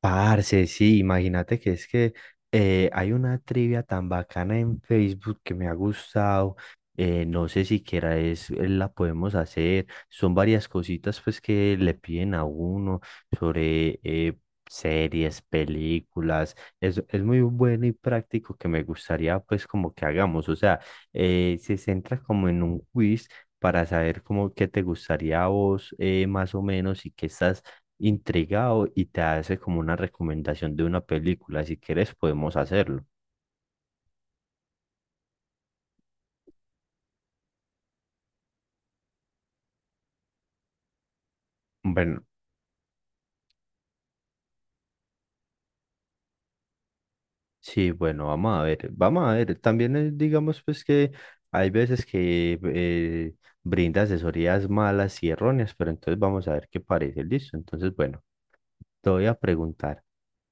Parce, sí, imagínate que es que hay una trivia tan bacana en Facebook que me ha gustado. No sé siquiera es, la podemos hacer. Son varias cositas pues que le piden a uno sobre series, películas. Es muy bueno y práctico que me gustaría pues como que hagamos. O sea, se centra como en un quiz para saber como qué te gustaría a vos más o menos y qué estás intrigado y te hace como una recomendación de una película. Si quieres, podemos hacerlo. Bueno, sí, bueno, vamos a ver, vamos a ver. También digamos pues que hay veces que brinda asesorías malas y erróneas, pero entonces vamos a ver qué parece. Listo, entonces bueno, te voy a preguntar,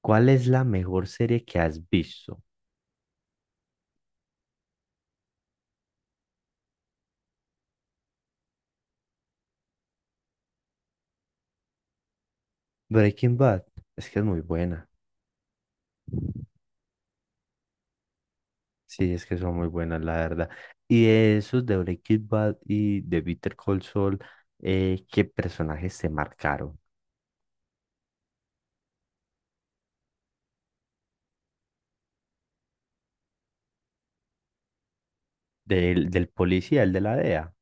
¿cuál es la mejor serie que has visto? Breaking Bad, es que es muy buena. Sí, es que son muy buenas, la verdad. Y de esos de Breaking Bad y de Bitter Call Saul, ¿qué personajes te marcaron? ¿Del policía, el de la DEA?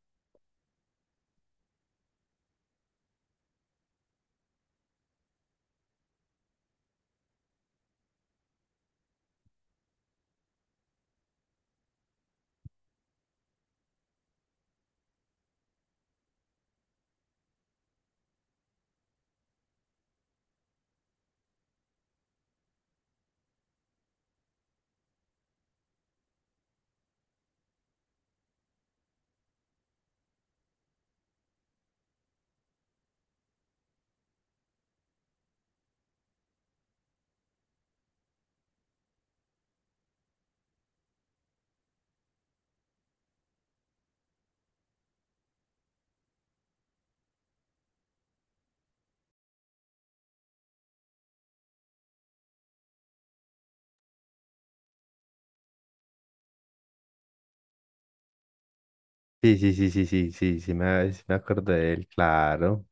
Sí, sí, sí, sí, sí, sí, sí me acuerdo de él, claro.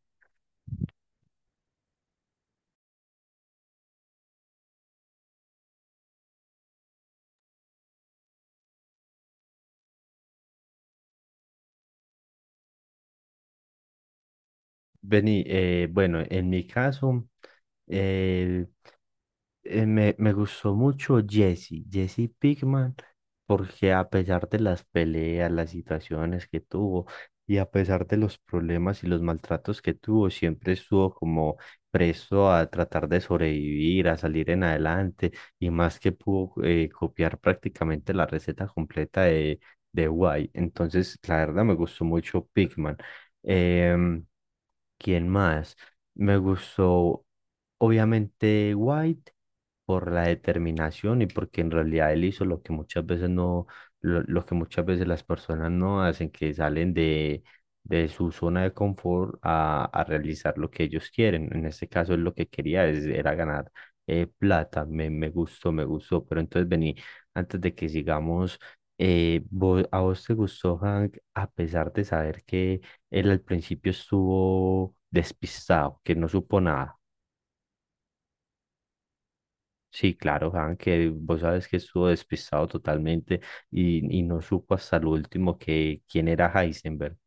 Vení, bueno, en mi caso, me gustó mucho Jesse, Jesse Pinkman, porque a pesar de las peleas, las situaciones que tuvo y a pesar de los problemas y los maltratos que tuvo, siempre estuvo como presto a tratar de sobrevivir, a salir en adelante y más que pudo copiar prácticamente la receta completa de White. Entonces, la verdad me gustó mucho Pinkman. ¿Quién más? Me gustó, obviamente, White por la determinación y porque en realidad él hizo lo que muchas veces no, lo que muchas veces las personas no hacen, que salen de su zona de confort a realizar lo que ellos quieren. En este caso, él lo que quería es- era ganar plata. Me gustó, me gustó. Pero entonces, vení, antes de que sigamos, vos- ¿a vos te gustó, Hank, a pesar de saber que él al principio estuvo despistado, que no supo nada? Sí, claro, Hank, que vos sabes que estuvo despistado totalmente y no supo hasta el último que quién era Heisenberg.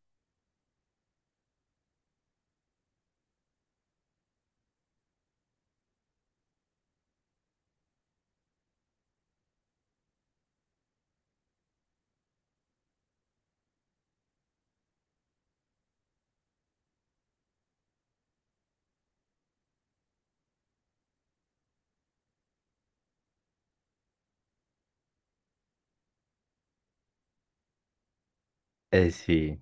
Sí.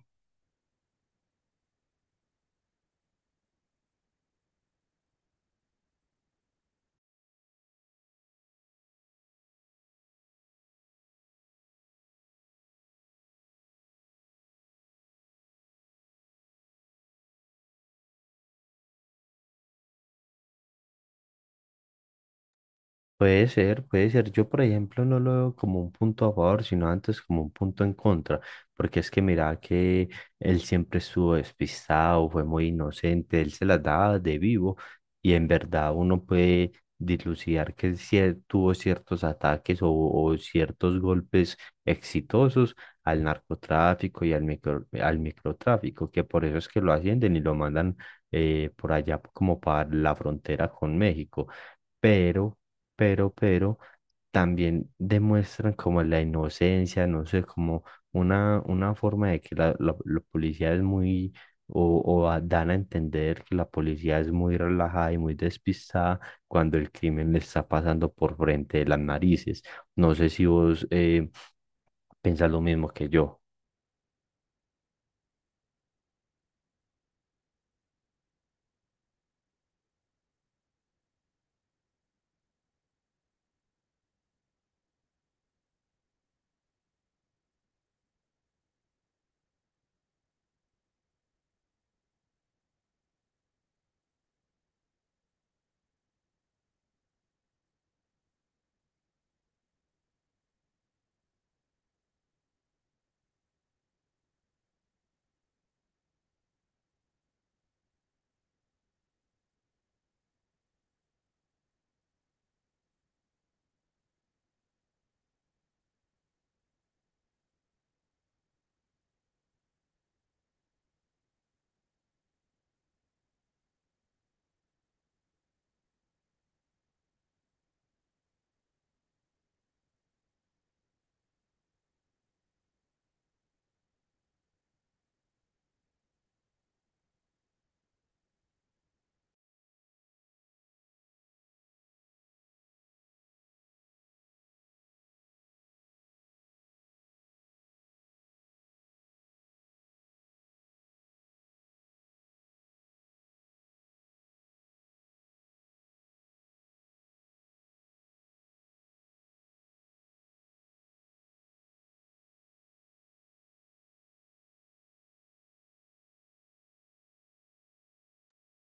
Puede ser, puede ser. Yo, por ejemplo, no lo veo como un punto a favor, sino antes como un punto en contra, porque es que mira que él siempre estuvo despistado, fue muy inocente, él se las daba de vivo y en verdad uno puede dilucidar que él sí tuvo ciertos ataques o ciertos golpes exitosos al narcotráfico y al micro, al microtráfico, que por eso es que lo ascienden y lo mandan por allá como para la frontera con México pero, pero también demuestran como la inocencia, no sé, como una forma de que la- la policía es muy, o a- dan a entender que la policía es muy relajada y muy despistada cuando el crimen le está pasando por frente de las narices. No sé si vos pensás lo mismo que yo.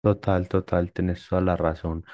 Total, total, tenés toda la razón.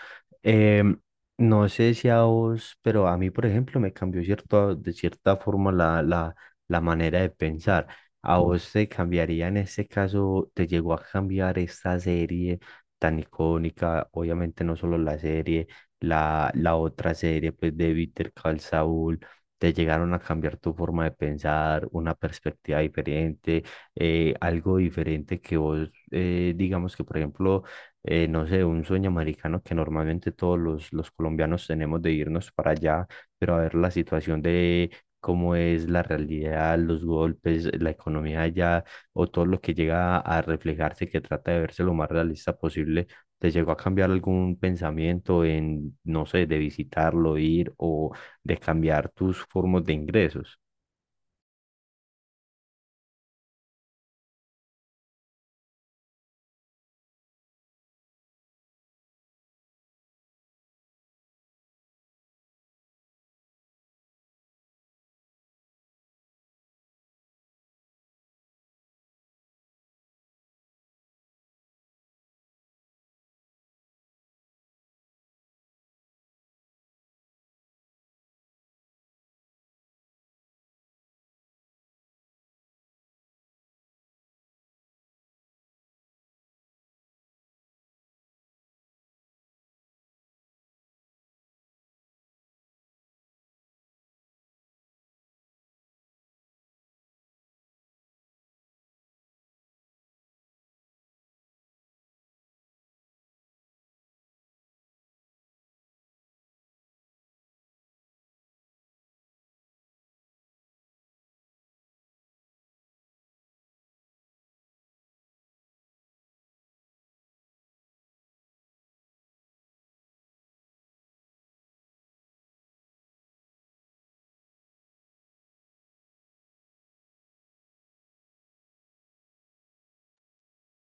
Em, no sé si a vos, pero a mí, por ejemplo, me cambió cierto, de cierta forma la, la, la manera de pensar. ¿A vos te cambiaría en este caso, te llegó a cambiar esta serie tan icónica? Obviamente no solo la serie, la otra serie pues de Better Call Saul, te llegaron a cambiar tu forma de pensar, una perspectiva diferente, algo diferente que vos, digamos que por ejemplo no sé, un sueño americano que normalmente todos los colombianos tenemos de irnos para allá, pero a ver la situación de cómo es la realidad, los golpes, la economía allá, o todo lo que llega a reflejarse, que trata de verse lo más realista posible, ¿te llegó a cambiar algún pensamiento en, no sé, de visitarlo, ir o de cambiar tus formas de ingresos?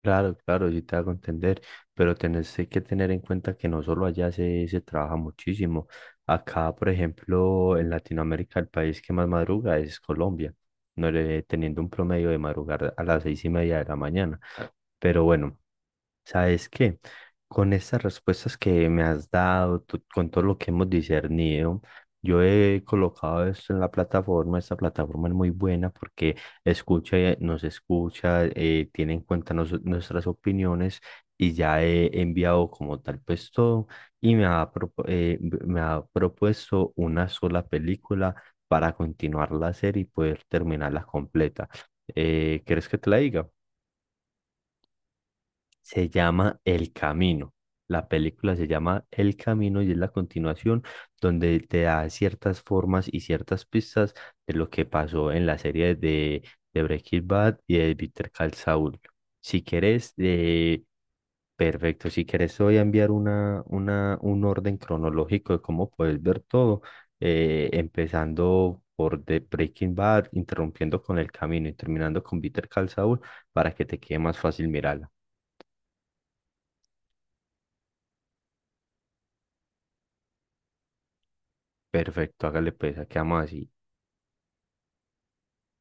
Claro, claro, sí te hago entender, pero tenés que tener en cuenta que no solo allá se trabaja muchísimo. Acá, por ejemplo, en Latinoamérica, el país que más madruga es Colombia, no le- teniendo un promedio de madrugar a las 6:30 de la mañana. Pero bueno. ¿Sabes qué? Con estas respuestas que me has dado, tú- con todo lo que hemos discernido, yo he colocado esto en la plataforma. Esta plataforma es muy buena porque escucha, nos escucha, tiene en cuenta nos- nuestras opiniones y ya he enviado como tal pues todo y me ha, propu- me ha propuesto una sola película para continuar la serie y poder terminarla completa. ¿Quieres que te la diga? Se llama El Camino. La película se llama El Camino y es la continuación donde te da ciertas formas y ciertas pistas de lo que pasó en la serie de Breaking Bad y de Better Call Saul. Si quieres, perfecto. Si quieres, te voy a enviar una, un orden cronológico de cómo puedes ver todo, empezando por The Breaking Bad, interrumpiendo con El Camino y terminando con Better Call Saul para que te quede más fácil mirarla. Perfecto, hágale pues, quedamos así.